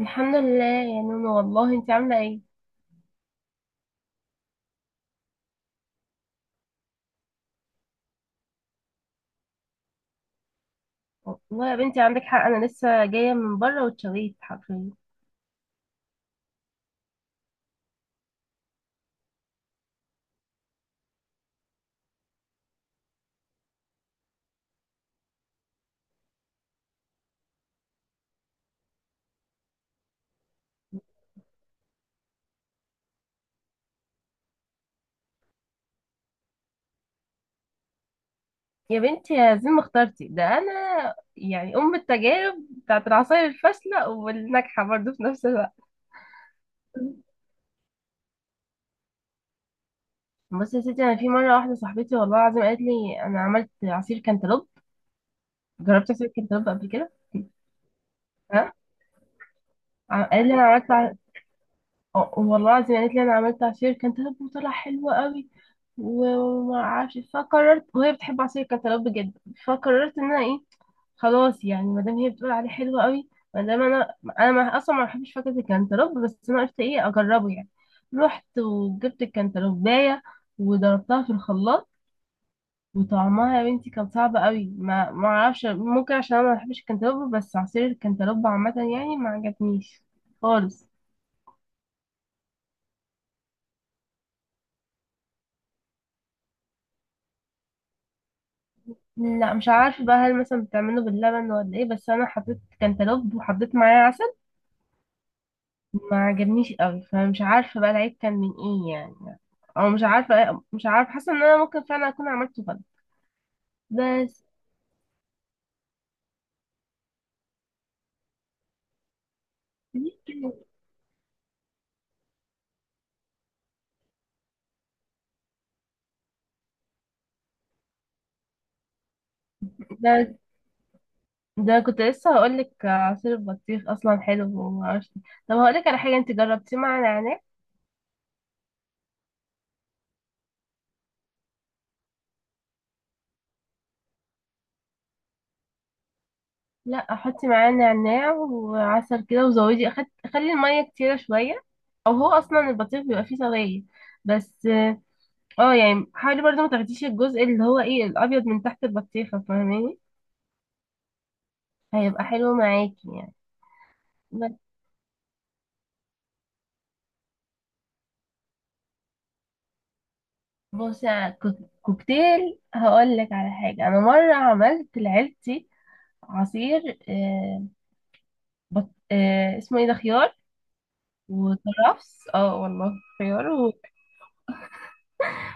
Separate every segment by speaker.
Speaker 1: الحمد لله يا نونو، والله انت عامله ايه؟ والله يا بنتي عندك حق، انا لسه جايه من بره واتشويت حرفيا. يا بنتي يا زين ما اخترتي ده، انا يعني ام التجارب بتاعت العصاير الفاشله والناجحه برضه في نفس الوقت. بصي يا ستي، انا في مره واحده صاحبتي والله العظيم قالت لي انا عملت عصير كانتالوب. جربت عصير كانتالوب قبل كده؟ ها. قالت لي انا عملت اه والله العظيم قالت لي انا عملت عصير كانتالوب وطلع حلو قوي. وما اعرفش، فقررت، وهي بتحب عصير كانتالوب بجد، فقررت ان انا ايه، خلاص يعني ما دام هي بتقول عليه حلو قوي، ما دام انا ما اصلا ما بحبش فاكهه الكانتالوب، بس انا قلت ايه اجربه يعني. رحت وجبت الكانتالوبايه وضربتها في الخلاط، وطعمها يا بنتي كان صعب قوي. ما اعرفش، ممكن عشان انا ما بحبش الكانتالوب، بس عصير الكانتالوب عامه يعني ما عجبنيش خالص. لا مش عارفة بقى، هل مثلا بتعمله باللبن ولا ايه، بس انا حطيت كان تلوب وحطيت معاه عسل، ما عجبنيش قوي، فمش عارفة بقى العيب كان من ايه يعني. او مش عارفة حاسة ان انا ممكن فعلا اكون عملته غلط، بس. ده ده كنت لسه هقولك، عصير البطيخ اصلا حلو ومعرفش إيه. طب هقولك على حاجة، انت جربتيه مع نعناع؟ لا، حطي معاه نعناع وعسل كده، وزودي خلي المية كتيرة شوية، او هو اصلا البطيخ بيبقى فيه سوائل. بس اه يعني حاولي برضه ما تاخديش الجزء اللي هو ايه الابيض من تحت البطيخه، فاهماني؟ هيبقى حلو معاكي يعني. بس بصي، على كوكتيل هقول لك على حاجه. انا مره عملت لعيلتي عصير، آه بط... آه اسمه ايه ده، خيار وكرفس، اه والله. خيار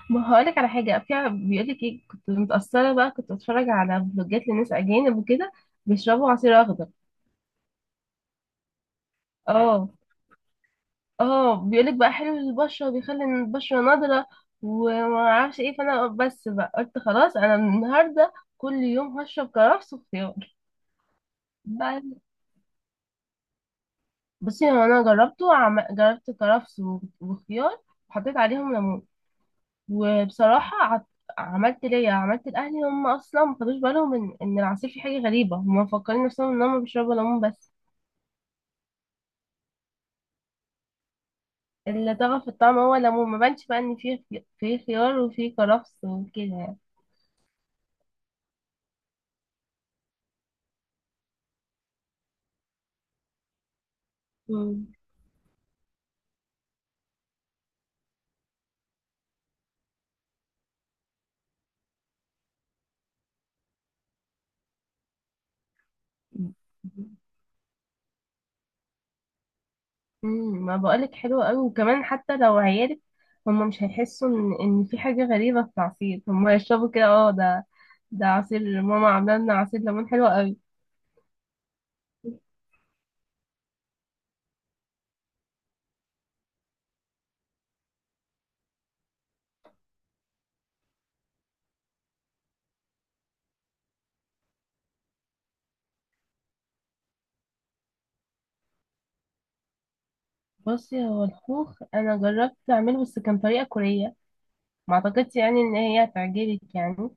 Speaker 1: ما هقول لك على حاجه فيها، بيقول لك ايه، كنت متاثره بقى، كنت بتفرج على فلوجات لناس اجانب وكده، بيشربوا عصير اخضر. اه، اه بيقولك بقى حلو للبشرة وبيخلي إن البشرة نضرة ومعرفش ايه، فانا بس بقى قلت خلاص، انا من النهاردة كل يوم هشرب كرفس وخيار. بقى- بصي، هو انا جربته جربت كرفس وخيار، وحطيت عليهم ليمون. وبصراحة عط... عملت لأهلي، هم أصلا ما خدوش بالهم إن العصير فيه حاجة غريبة، هم مفكرين نفسهم إن هم بيشربوا ليمون بس. اللي طغى في الطعم هو الليمون، ما بانش بقى إن فيه فيه خيار وفيه كرفس وكده يعني. مم. ما بقولك حلو قوي، وكمان حتى لو عيالك هم مش هيحسوا ان في حاجه غريبه في العصير، هم هيشربوا كده، اه، ده ده عصير ماما عامله لنا عصير ليمون حلو قوي. بصي، هو الخوخ انا جربت اعمله، بس كان طريقه كوريه، ما اعتقدش يعني ان هي هتعجبك يعني.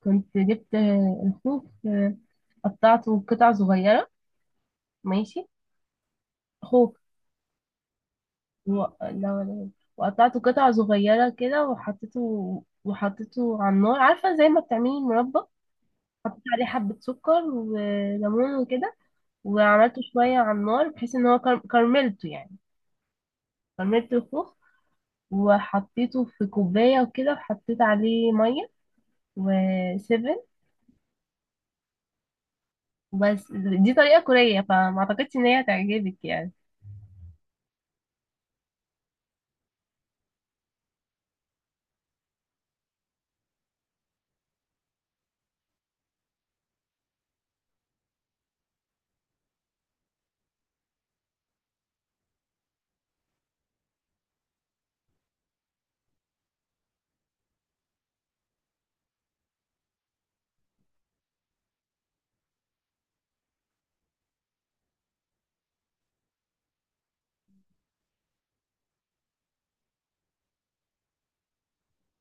Speaker 1: كنت جبت الخوخ، قطعته قطع صغيره. ماشي. خوخ. و... لا، ولا. وقطعته قطع صغيره كده وحطيته، وحطيته على النار، عارفه زي ما بتعملي المربى. حطيت عليه حبة سكر وليمون وكده، وعملته شوية على النار بحيث ان هو كرملته يعني. كرملت الخوخ وحطيته في كوباية وكده، وحطيت عليه مية وسيفن، بس. دي طريقة كورية، فما اعتقدش ان هي هتعجبك يعني.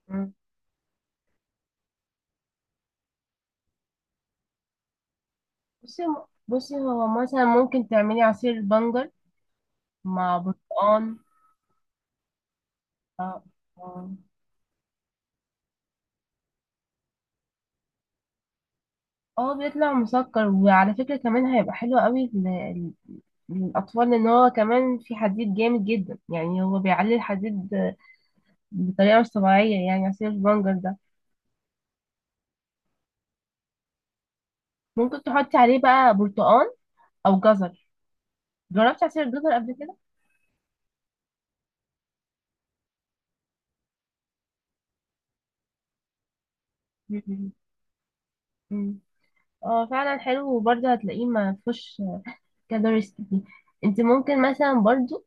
Speaker 1: مم. بصي بصي هو مثلا ممكن تعملي عصير بنجر مع برتقان. اه. آه. اه بيطلع مسكر، وعلى فكرة كمان هيبقى حلو قوي للأطفال، لأن هو كمان في حديد جامد جدا، يعني هو بيعلي الحديد بطريقة مش طبيعية يعني، عصير البنجر ده. ممكن تحطي عليه بقى برتقال أو جزر. جربتي عصير الجزر قبل كده؟ مم. مم. اه، فعلا حلو، وبرضه هتلاقيه ما فيهوش كالوريز كتير. انت ممكن مثلا برضه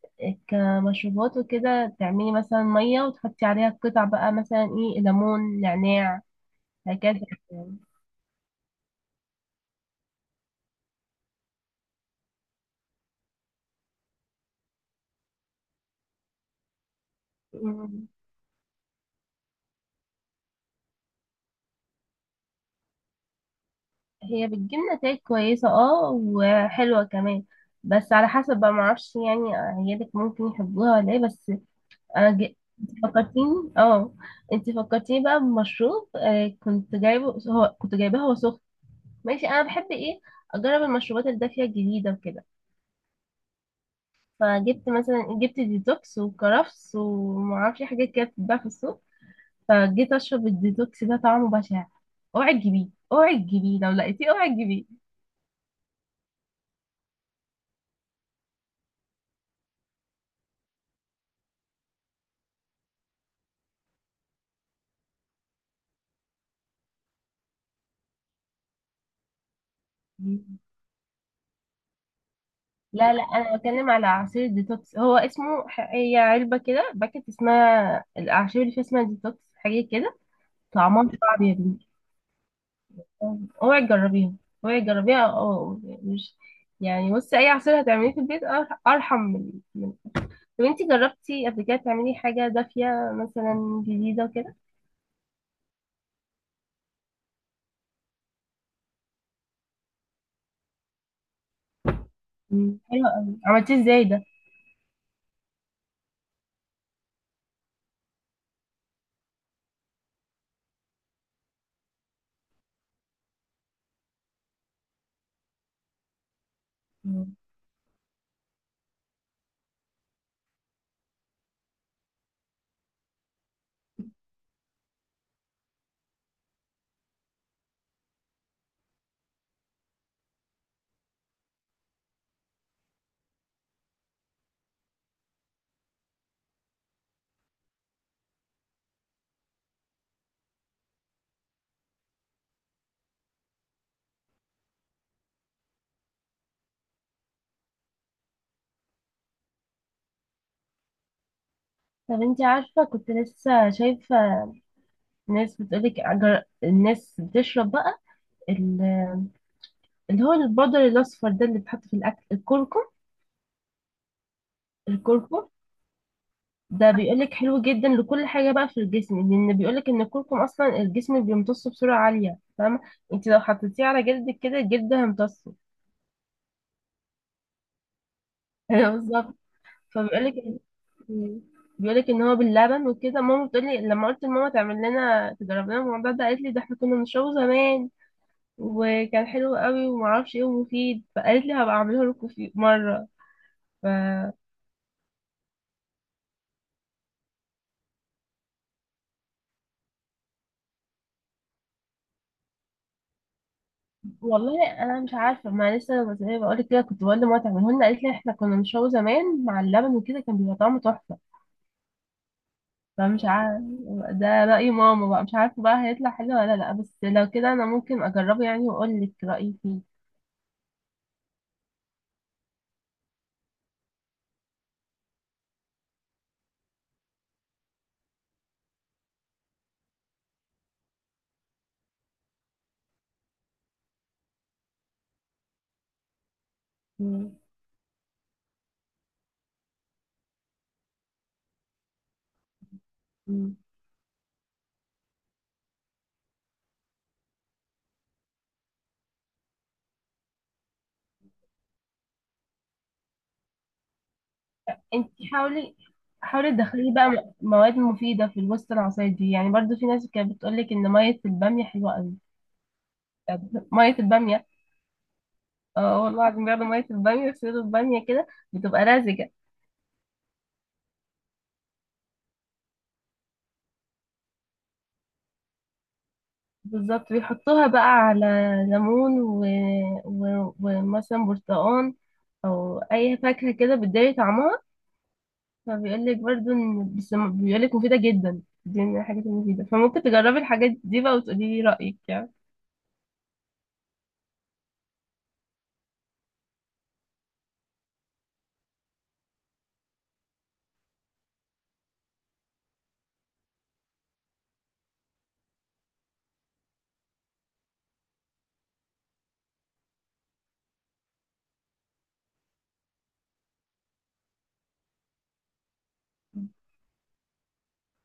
Speaker 1: كمشروبات وكده، تعملي مثلا مية وتحطي عليها قطع بقى، مثلا ايه، ليمون، نعناع، هكذا يعني. مم. هي بتجيب نتائج كويسة اه، وحلوة كمان، بس على حسب بقى، معرفش يعني عيالك ممكن يحبوها ولا ايه، بس انا ج... انت فكرتيني، اه، انت فكرتيني بقى بمشروب، كنت جايبه، هو كنت جايباه هو سخن. ماشي، انا بحب ايه اجرب المشروبات الدافية الجديدة وكده، فجبت مثلا ديتوكس وكرفس ومعرفش إيه، حاجات كده بتتباع في السوق. فجيت اشرب الديتوكس ده، طعمه بشع. اوعي تجيبيه، اوعي تجيبيه لو لقيتيه، اوعي تجيبيه. لا لا، انا بتكلم على عصير ديتوكس، هو اسمه هي علبه كده، باكت اسمها الاعشاب، اللي فيها اسمها ديتوكس حاجه كده. طعمها صعب يا بنتي. اوعي تجربيها، اوعي تجربيها. اه، مش يعني، بصي اي عصير هتعمليه في البيت ارحم من. طب انتي جربتي قبل كده تعملي حاجه دافيه مثلا جديده كده؟ مم، حلوه قوي، عملتيه ازاي ده؟ مم. طب انتي عارفه، كنت لسه شايفه ناس بتقولك الناس بتشرب بقى اللي هو البودر الاصفر ده، اللي بيتحط في الاكل، الكركم. الكركم ده بيقولك حلو جدا لكل حاجه بقى في الجسم، لان بيقولك ان الكركم اصلا الجسم بيمتصه بسرعه عاليه، فاهمه؟ انت لو حطيتيه على جلدك كده، الجلد هيمتصه. ايوه بالظبط. فبيقولك إن- بيقولك ان هو باللبن وكده، ماما بتقولي، لما قلت لماما تعمل لنا تجرب لنا الموضوع ده، قالت لي ده احنا كنا بنشربه زمان وكان حلو قوي ومعرفش ايه، ومفيد، فقالت لي هبقى اعمله لكم في مره. ف والله انا مش عارفه، ما لسه زي ما بقول لك كده كنت بقول لماما تعمله لنا، قالت لي احنا كنا بنشوي زمان مع اللبن وكده كان بيبقى طعمه تحفه، فمش عارفه. ده راي ماما بقى، مش عارفه بقى هيطلع حلو ولا لا، بس لو كده انا ممكن اجربه يعني واقول لك رايي فيه. مم. مم. انت حاولي، حاولي تدخلي بقى مواد مفيده في الوسط العصايه دي يعني. برضو في ناس كانت بتقول لك ان ميه الباميه حلوه قوي. ميه الباميه. اه والله العظيم، بياخدوا ميه الباميه ويصيروا الباميه كده، بتبقى رازجه. بالظبط، بيحطوها بقى على ليمون ومثلا برتقان او اي فاكهه كده بتداري طعمها، فبيقول لك برضو ان، بس بيقول لك مفيده جدا، دي من الحاجات المفيده، فممكن تجربي الحاجات دي بقى وتقولي لي رايك يعني.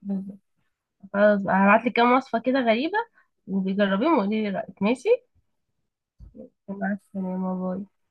Speaker 1: بالظبط، خلاص بقى هبعت لك كام وصفه كده غريبه، وبيجربيهم وقولي لي رايك، ماشي. مع السلامه، باي.